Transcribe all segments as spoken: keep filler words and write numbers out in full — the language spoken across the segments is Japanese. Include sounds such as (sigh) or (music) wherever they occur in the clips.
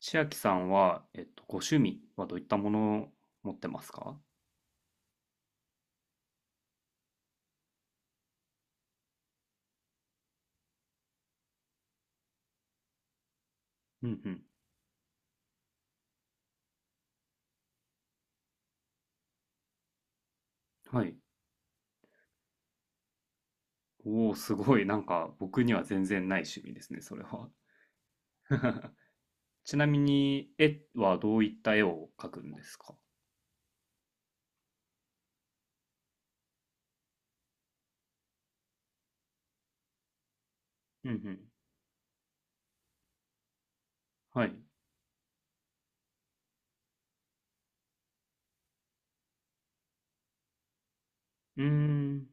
千秋さんは、えっと、ご趣味はどういったものを持ってますか？うんうん。はい。おお、すごい。なんか、僕には全然ない趣味ですね、それは。(laughs) ちなみに、絵はどういった絵を描くんですか？うんうん。はい。うーん。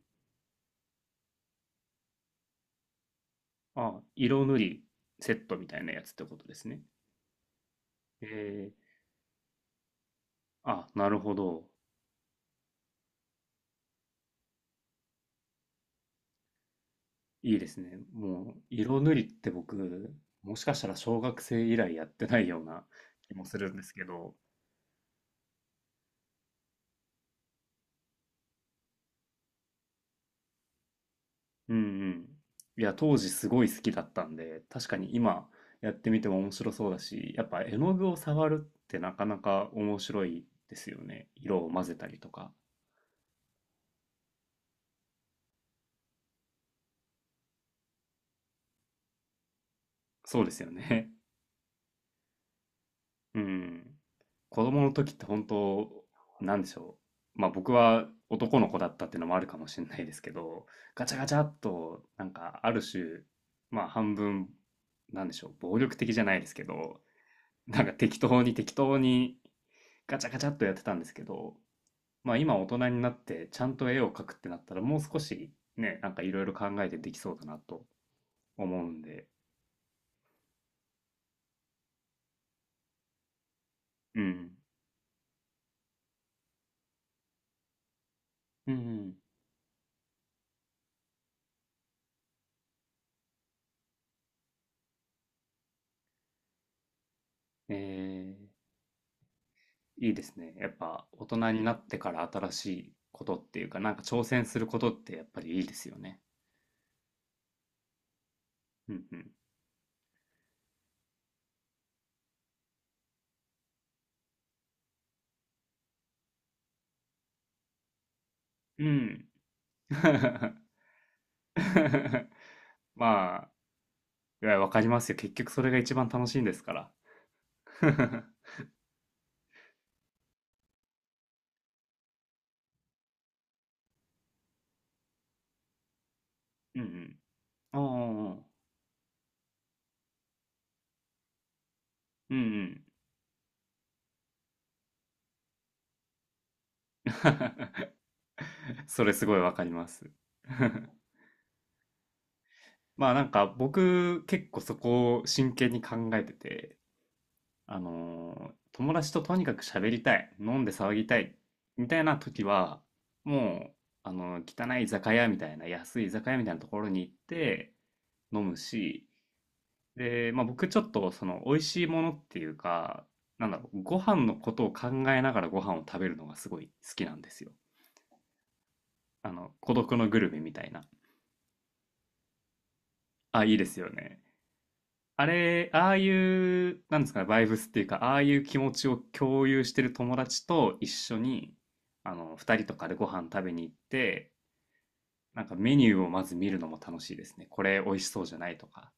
あ、色塗りセットみたいなやつってことですね。えー、あ、なるほど。いいですね。もう、色塗りって僕、もしかしたら小学生以来やってないような気もするんですけど、うんうん。いや、当時すごい好きだったんで、確かに今やってみても面白そうだし、やっぱ絵の具を触るってなかなか面白いですよね。色を混ぜたりとか。そうですよね。(laughs) うん。子供の時って本当、なんでしょう。まあ僕は男の子だったっていうのもあるかもしれないですけど、ガチャガチャっと、なんかある種、まあ半分、なんでしょう、暴力的じゃないですけど、なんか適当に適当にガチャガチャっとやってたんですけど、まあ今大人になってちゃんと絵を描くってなったらもう少しね、なんかいろいろ考えてできそうだなと思うんで、うん。うん、うん。えー、いいですね。やっぱ大人になってから新しいことっていうか、なんか挑戦することってやっぱりいいですよね。うんうん。うん。(laughs) まあ、いや、わかりますよ。結局それが一番楽しいんですから。(laughs) うんうん。ああ、うんうん。(laughs) それすごいわかります。(laughs) まあなんか僕結構そこを真剣に考えてて、あのー友達ととにかく喋りたい、飲んで騒ぎたい、みたいな時は、もう、あの汚い居酒屋みたいな、安い居酒屋みたいなところに行って飲むし、で、まあ僕ちょっとその美味しいものっていうか、なんだろう、ご飯のことを考えながらご飯を食べるのがすごい好きなんですよ。あの、孤独のグルメみたいな。あ、いいですよね。あれ、ああいう、なんですかね、バイブスっていうか、ああいう気持ちを共有してる友達と一緒に、あの、二人とかでご飯食べに行って、なんかメニューをまず見るのも楽しいですね。これ美味しそうじゃないとか、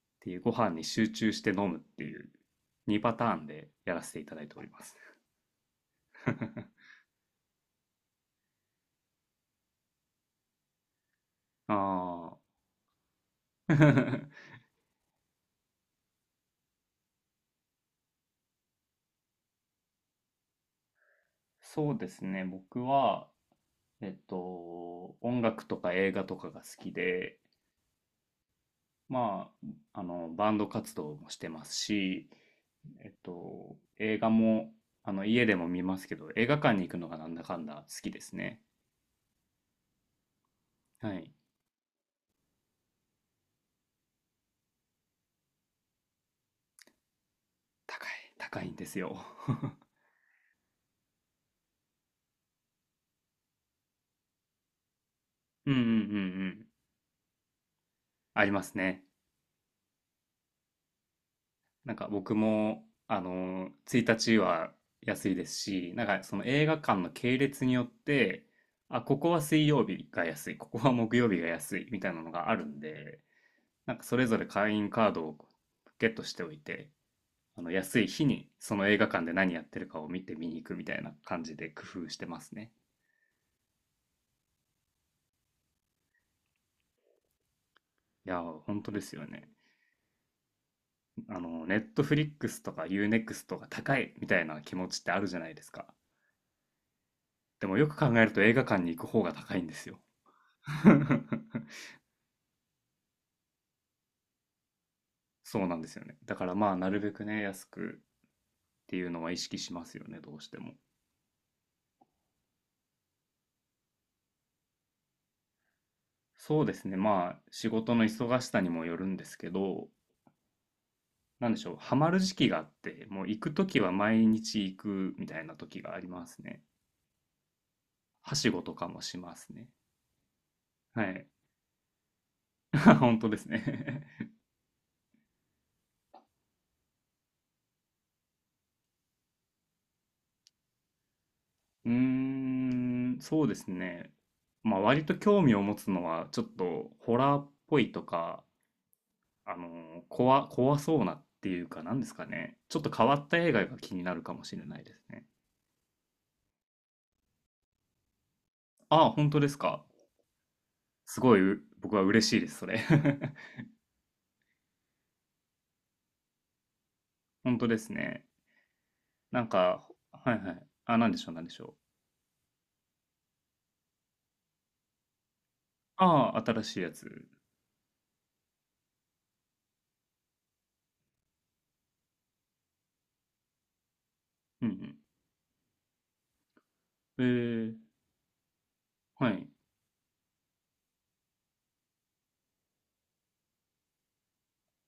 っていうご飯に集中して飲むっていうにパターンでやらせていただいております。(laughs) ああ。(laughs) そうですね。僕は、えっと、音楽とか映画とかが好きで、まあ、あの、バンド活動もしてますし、えっと、映画も、あの、家でも見ますけど、映画館に行くのがなんだかんだ好きですね。はい。高い、高いんですよ。(laughs) うんうんうんうん。ありますね。なんか僕も、あの、ついたちは安いですし、なんかその映画館の系列によって、あ、ここは水曜日が安い、ここは木曜日が安いみたいなのがあるんで、なんかそれぞれ会員カードをゲットしておいて、あの安い日にその映画館で何やってるかを見て見に行くみたいな感じで工夫してますね。いやー、本当ですよね。あの、ネットフリックスとかユーネ n クストとが高いみたいな気持ちってあるじゃないですか。でもよく考えると映画館に行く方が高いんですよ。(laughs) そうなんですよね。だからまあ、なるべくね、安くっていうのは意識しますよね、どうしても。そうですね。まあ、仕事の忙しさにもよるんですけど、なんでしょう、ハマる時期があって、もう行くときは毎日行くみたいな時がありますね。はしごとかもしますね。はい。(laughs) 本当ですね。 (laughs) うーん、そうですね。まあ割と興味を持つのは、ちょっとホラーっぽいとか、あの、怖、怖そうなっていうか、なんですかね。ちょっと変わった映画が気になるかもしれないですね。ああ、本当ですか。すごい、う僕は嬉しいです、それ。 (laughs) 本当ですね。なんか、はいはい。あ、なんでしょう、なんでしょう。ああ、新しいやつ。うんうん。ええ、はい。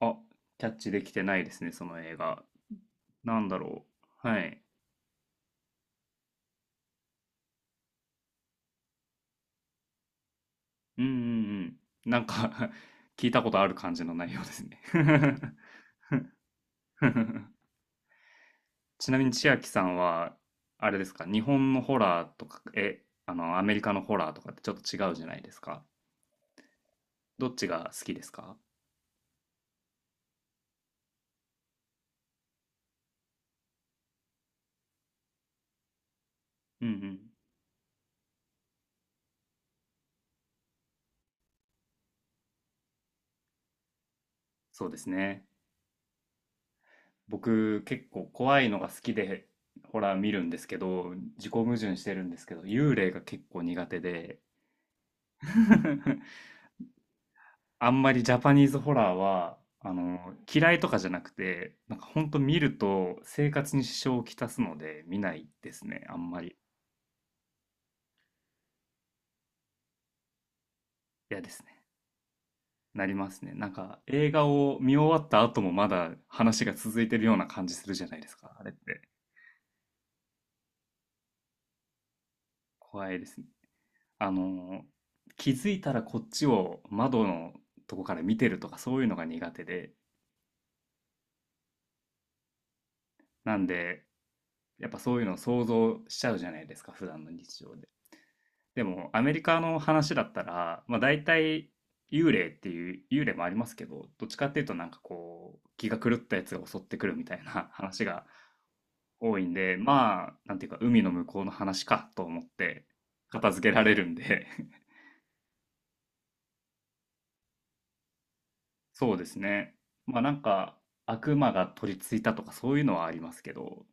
あ、キャッチできてないですね、その映画。なんだろう。はい。うんうんうん。なんか (laughs) 聞いたことある感じの内容ですね。 (laughs) (laughs) ちなみに千秋さんは、あれですか、日本のホラーとか、え、あの、アメリカのホラーとかってちょっと違うじゃないですか。どっちが好きですか？うんうん。そうですね。僕、結構怖いのが好きで、ホラー見るんですけど、自己矛盾してるんですけど、幽霊が結構苦手で。 (laughs) あんまりジャパニーズホラーは、あの、嫌いとかじゃなくて、なんか本当見ると生活に支障をきたすので見ないですね。あんまり。嫌ですね。なりますね。なんか映画を見終わった後もまだ話が続いてるような感じするじゃないですか。あれって。怖いですね。あの、気づいたらこっちを窓のとこから見てるとかそういうのが苦手で。なんで、やっぱそういうのを想像しちゃうじゃないですか、普段の日常で。でもアメリカの話だったら、まあ、大体幽霊っていう幽霊もありますけど、どっちかっていうとなんかこう気が狂ったやつが襲ってくるみたいな (laughs) 話が多いんで、まあなんていうか海の向こうの話かと思って片付けられるんで。 (laughs) そうですね。まあなんか悪魔が取り付いたとかそういうのはありますけど。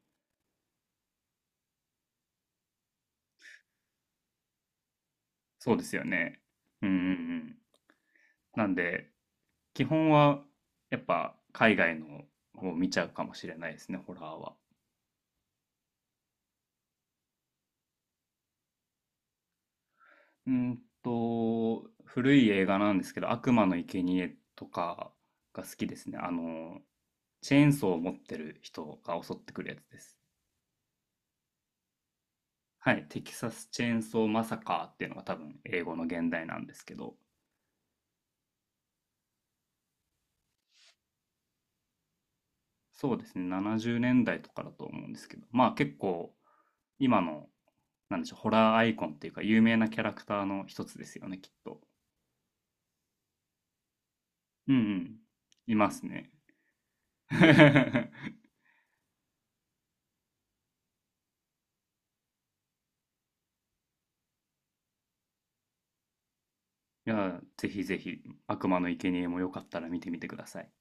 そうですよね。うんうんうん。なんで基本はやっぱ海外のを見ちゃうかもしれないですね、ホラーは。うんと、古い映画なんですけど、悪魔の生贄とかが好きですね。あの、チェーンソーを持ってる人が襲ってくるやつです。はい、テキサスチェーンソーマサカーっていうのが多分英語の現代なんですけど、そうですね、ななじゅうねんだいとかだと思うんですけど、まあ結構今の、なんでしょう、ホラーアイコンっていうか有名なキャラクターの一つですよね、きっと。うんうん、いますね。(laughs) いや、ぜひぜひ、悪魔の生贄もよかったら見てみてください。